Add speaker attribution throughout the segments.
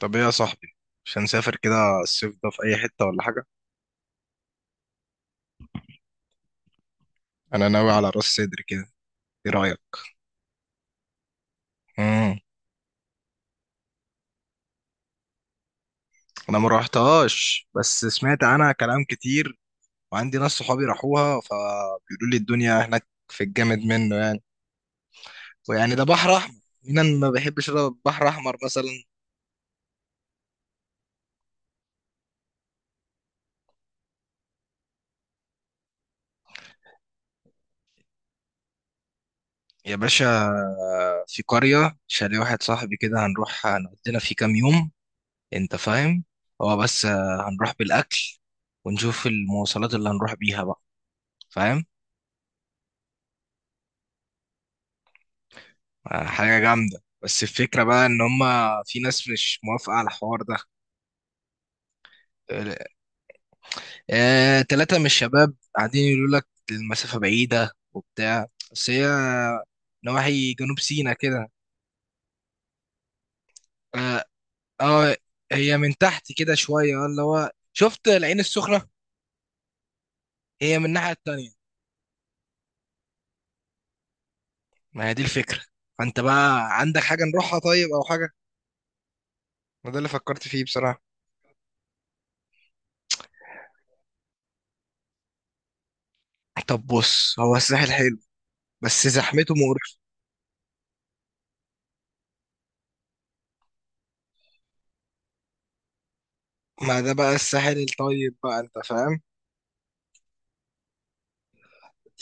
Speaker 1: طب ايه يا صاحبي؟ مش هنسافر كده الصيف ده في اي حتة ولا حاجة؟ انا ناوي على راس سدر كده. ايه رأيك؟ امم انا ما روحتهاش بس سمعت عنها كلام كتير، وعندي ناس صحابي راحوها فبيقولوا لي الدنيا هناك في الجامد منه، يعني ويعني ده بحر احمر. مين أنا ما بيحبش البحر احمر مثلا؟ يا باشا في قرية شاليه واحد صاحبي كده هنروح هنقضينا فيه كام يوم. انت فاهم؟ هو بس هنروح بالاكل ونشوف المواصلات اللي هنروح بيها بقى. فاهم؟ حاجة جامدة، بس الفكرة بقى إن هما في ناس مش موافقة على الحوار ده. تلاتة من الشباب قاعدين يقولوا لك المسافة بعيدة وبتاع، بس هي نواحي جنوب سيناء كده. آه, آه. هي من تحت كده شوية، اللي هو شفت العين السخنة. هي من الناحية التانية. ما هي دي الفكرة. فأنت بقى عندك حاجة نروحها طيب أو حاجة؟ ما ده اللي فكرت فيه بصراحة. طب بص هو الساحل حلو بس زحمته مقرفة. ما ده بقى الساحل الطيب بقى، أنت فاهم؟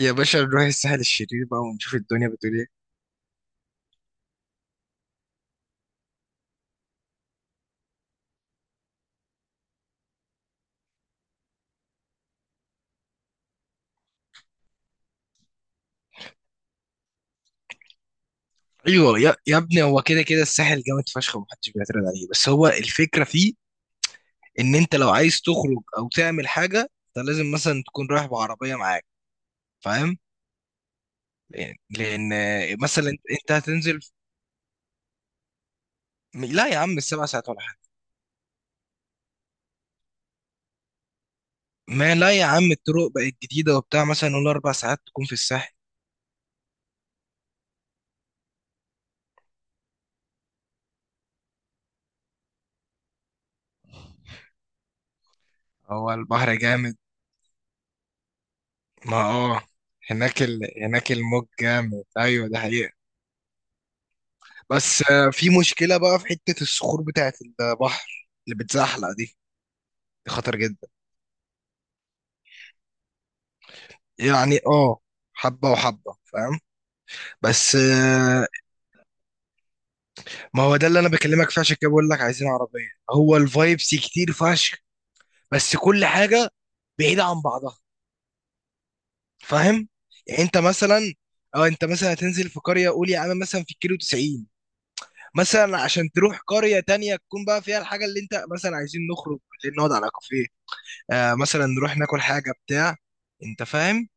Speaker 1: يا باشا نروح الساحل الشرير بقى ونشوف الدنيا بتقول ايه. ايوه يا ابني هو كده كده الساحل جامد فشخ ومحدش بيعترض عليه، بس هو الفكره فيه ان انت لو عايز تخرج او تعمل حاجه انت لازم مثلا تكون رايح بعربيه معاك. فاهم؟ لأن مثلا انت هتنزل. لا يا عم السبع ساعات ولا حاجه. ما لا يا عم الطرق بقت جديده وبتاع، مثلا نقول اربع ساعات تكون في الساحل. هو البحر جامد. ما اه هناك هناك الموج جامد، ايوه ده حقيقة. بس في مشكلة بقى في حتة الصخور بتاعة البحر اللي بتزحلق دي، دي خطر جدا. يعني اه حبة وحبة، فاهم؟ بس آه، ما هو ده اللي انا بكلمك فيه، عشان كده بقول لك عايزين عربية. هو الفايبس كتير فشخ بس كل حاجة بعيدة عن بعضها. فاهم؟ يعني انت مثلا اه انت مثلا هتنزل في قرية، قول يا عم مثلا في الكيلو 90. مثلا عشان تروح قرية تانية تكون بقى فيها الحاجة اللي انت مثلا عايزين نخرج بالليل نقعد على كافيه، آه مثلا نروح ناكل حاجه بتاع، انت فاهم؟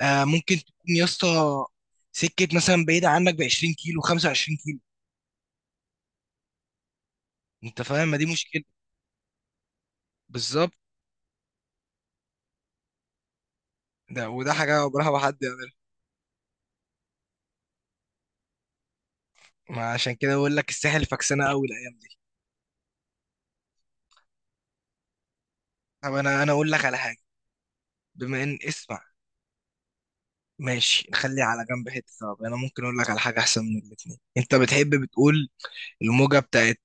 Speaker 1: آه ممكن تكون يا اسطى سكه مثلا بعيده عنك ب 20 كيلو 25 كيلو. انت فاهم؟ ما دي مشكله. بالظبط. ده وده حاجه عمرها ما حد يعملها. ما عشان كده بقول لك الساحل فكسانه قوي الايام دي. طب انا اقول لك على حاجه. بما ان اسمع، ماشي نخلي على جنب حته. طب انا ممكن اقول لك على حاجه احسن من الاثنين. انت بتحب بتقول الموجه بتاعت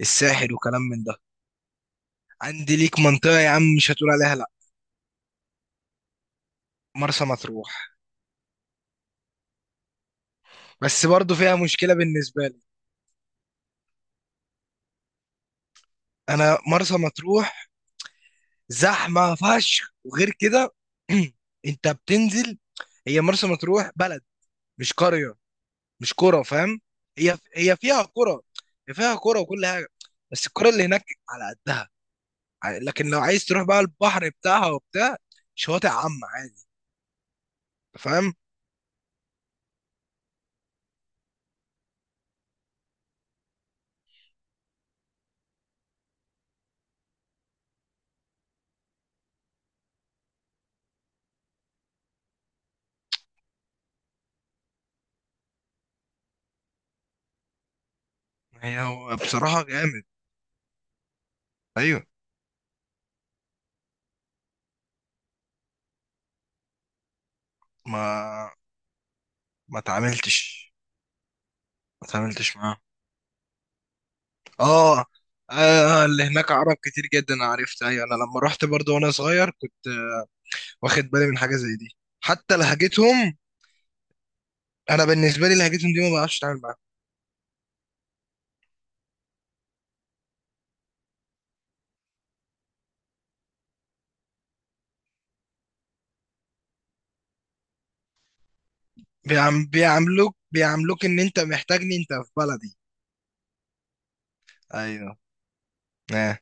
Speaker 1: الساحل وكلام من ده. عندي ليك منطقه يا عم مش هتقول عليها لا. مرسى مطروح. بس برضه فيها مشكلة بالنسبة لي. أنا مرسى مطروح زحمة فشخ، وغير كده أنت بتنزل. هي مرسى مطروح بلد، مش قرية، مش قرى، فاهم؟ هي فيها قرى. هي فيها قرى وكل حاجة. بس القرى اللي هناك على قدها. لكن لو عايز تروح بقى البحر بتاعها وبتاع شواطئ عامة عادي، فاهم؟ هي هو بصراحة جامد. أيوه. ما ما تعاملتش، ما تعاملتش. اه آه، اللي هناك عرب كتير جدا، عرفت؟ ايوه انا لما رحت برضو وانا صغير كنت آه، واخد بالي من حاجه زي دي، حتى لهجتهم. انا بالنسبه لي لهجتهم دي ما بعرفش اتعامل معاها. بيعاملوك، بيعاملوك ان انت محتاجني انت في بلدي. ايوه. اه.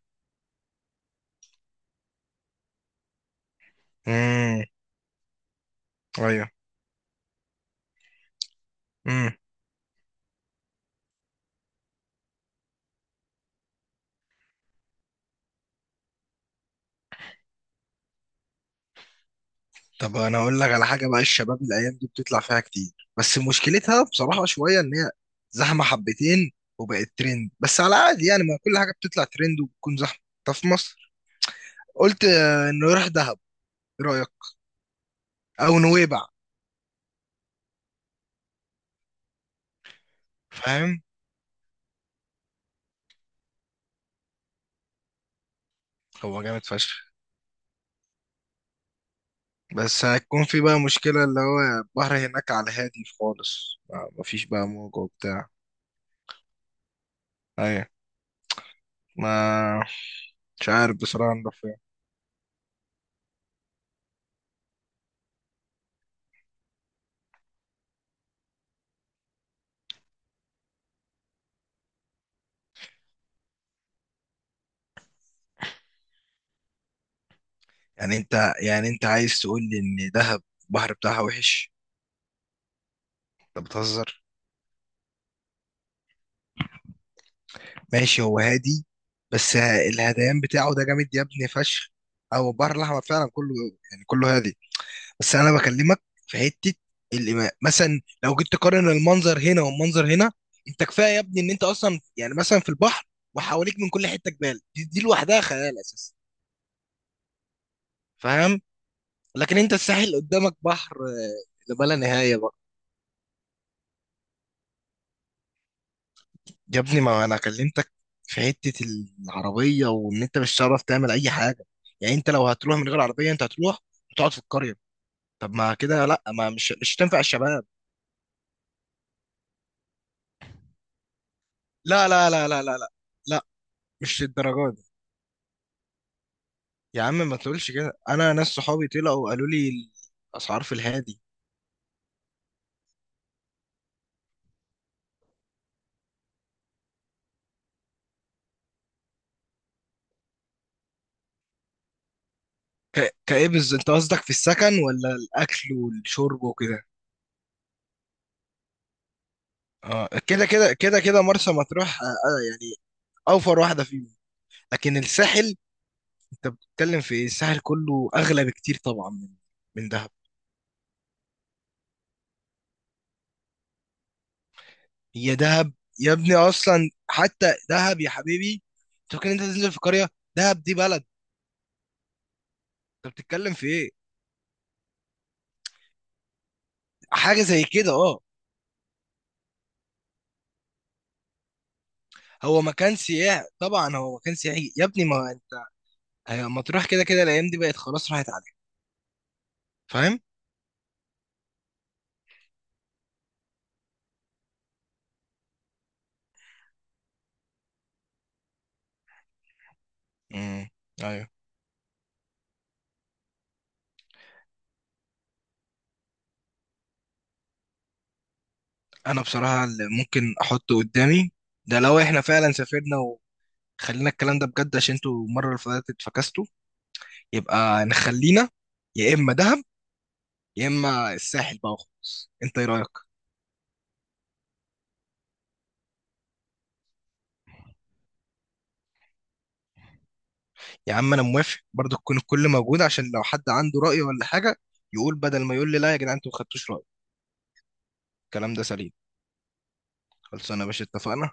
Speaker 1: امم. ايوه. امم. طب انا اقول لك على حاجه بقى، الشباب الايام دي بتطلع فيها كتير بس مشكلتها بصراحه شويه ان هي زحمه حبتين، وبقت ترند بس على عادي، يعني ما كل حاجه بتطلع ترند وبتكون زحمه. طب في مصر قلت آه، انه يروح دهب. ايه رأيك؟ او نويبع. فاهم؟ هو جامد فشخ. بس هيكون في بقى مشكلة اللي هو البحر هناك على هادي خالص، مفيش بقى موج وبتاع. ايوه. ما مش عارف بصراحة نروح فين. يعني انت، يعني انت عايز تقول لي ان دهب البحر بتاعها وحش؟ انت بتهزر. ماشي هو هادي، بس الهديان بتاعه ده جامد يا ابني فشخ. او البحر الاحمر فعلا كله، يعني كله هادي. بس انا بكلمك في حته الإماء مثلا، لو جيت تقارن المنظر هنا والمنظر هنا، انت كفايه يا ابني ان انت اصلا يعني مثلا في البحر وحواليك من كل حته جبال، دي لوحدها خيال اساسا. فاهم؟ لكن انت الساحل قدامك بحر آه، لما لا نهايه بقى. يا ابني ما انا كلمتك في حته العربيه، وان انت مش هتعرف تعمل اي حاجه. يعني انت لو هتروح من غير عربيه انت هتروح وتقعد في القريه. طب ما كده لا، ما مش تنفع الشباب. لا، لا، مش للدرجه. يا عم ما تقولش كده، انا ناس صحابي طلعوا وقالوا لي الاسعار في الهادي. كايه بالظبط؟ انت قصدك في السكن ولا الاكل والشرب وكده؟ اه كده كده كده كده مرسى مطروح آه آه، يعني اوفر واحده فيهم. لكن الساحل، انت بتتكلم في إيه؟ الساحل كله اغلى بكتير طبعا من دهب. هي دهب، يا ابني اصلا حتى دهب يا حبيبي، انت فاكر إن انت تنزل في قريه؟ دهب دي بلد، انت بتتكلم في ايه؟ حاجه زي كده اه. هو مكان سياحي طبعا، هو مكان سياحي يا ابني. ما ايوه مطروح كده كده الايام دي بقت خلاص راحت عليها. فاهم؟ امم. ايوه. انا بصراحه اللي ممكن احطه قدامي ده، لو احنا فعلا سافرنا وخلينا الكلام ده بجد عشان انتوا المره اللي فاتت فكستوا، يبقى نخلينا يا اما دهب يا اما الساحل بقى وخلاص. انت ايه رايك؟ يا عم انا موافق برضه تكون الكل موجود، عشان لو حد عنده راي ولا حاجه يقول، بدل ما يقول لي لا يا جدعان انتوا ما خدتوش رايي. الكلام ده سليم. خلصانه يا باشا، اتفقنا.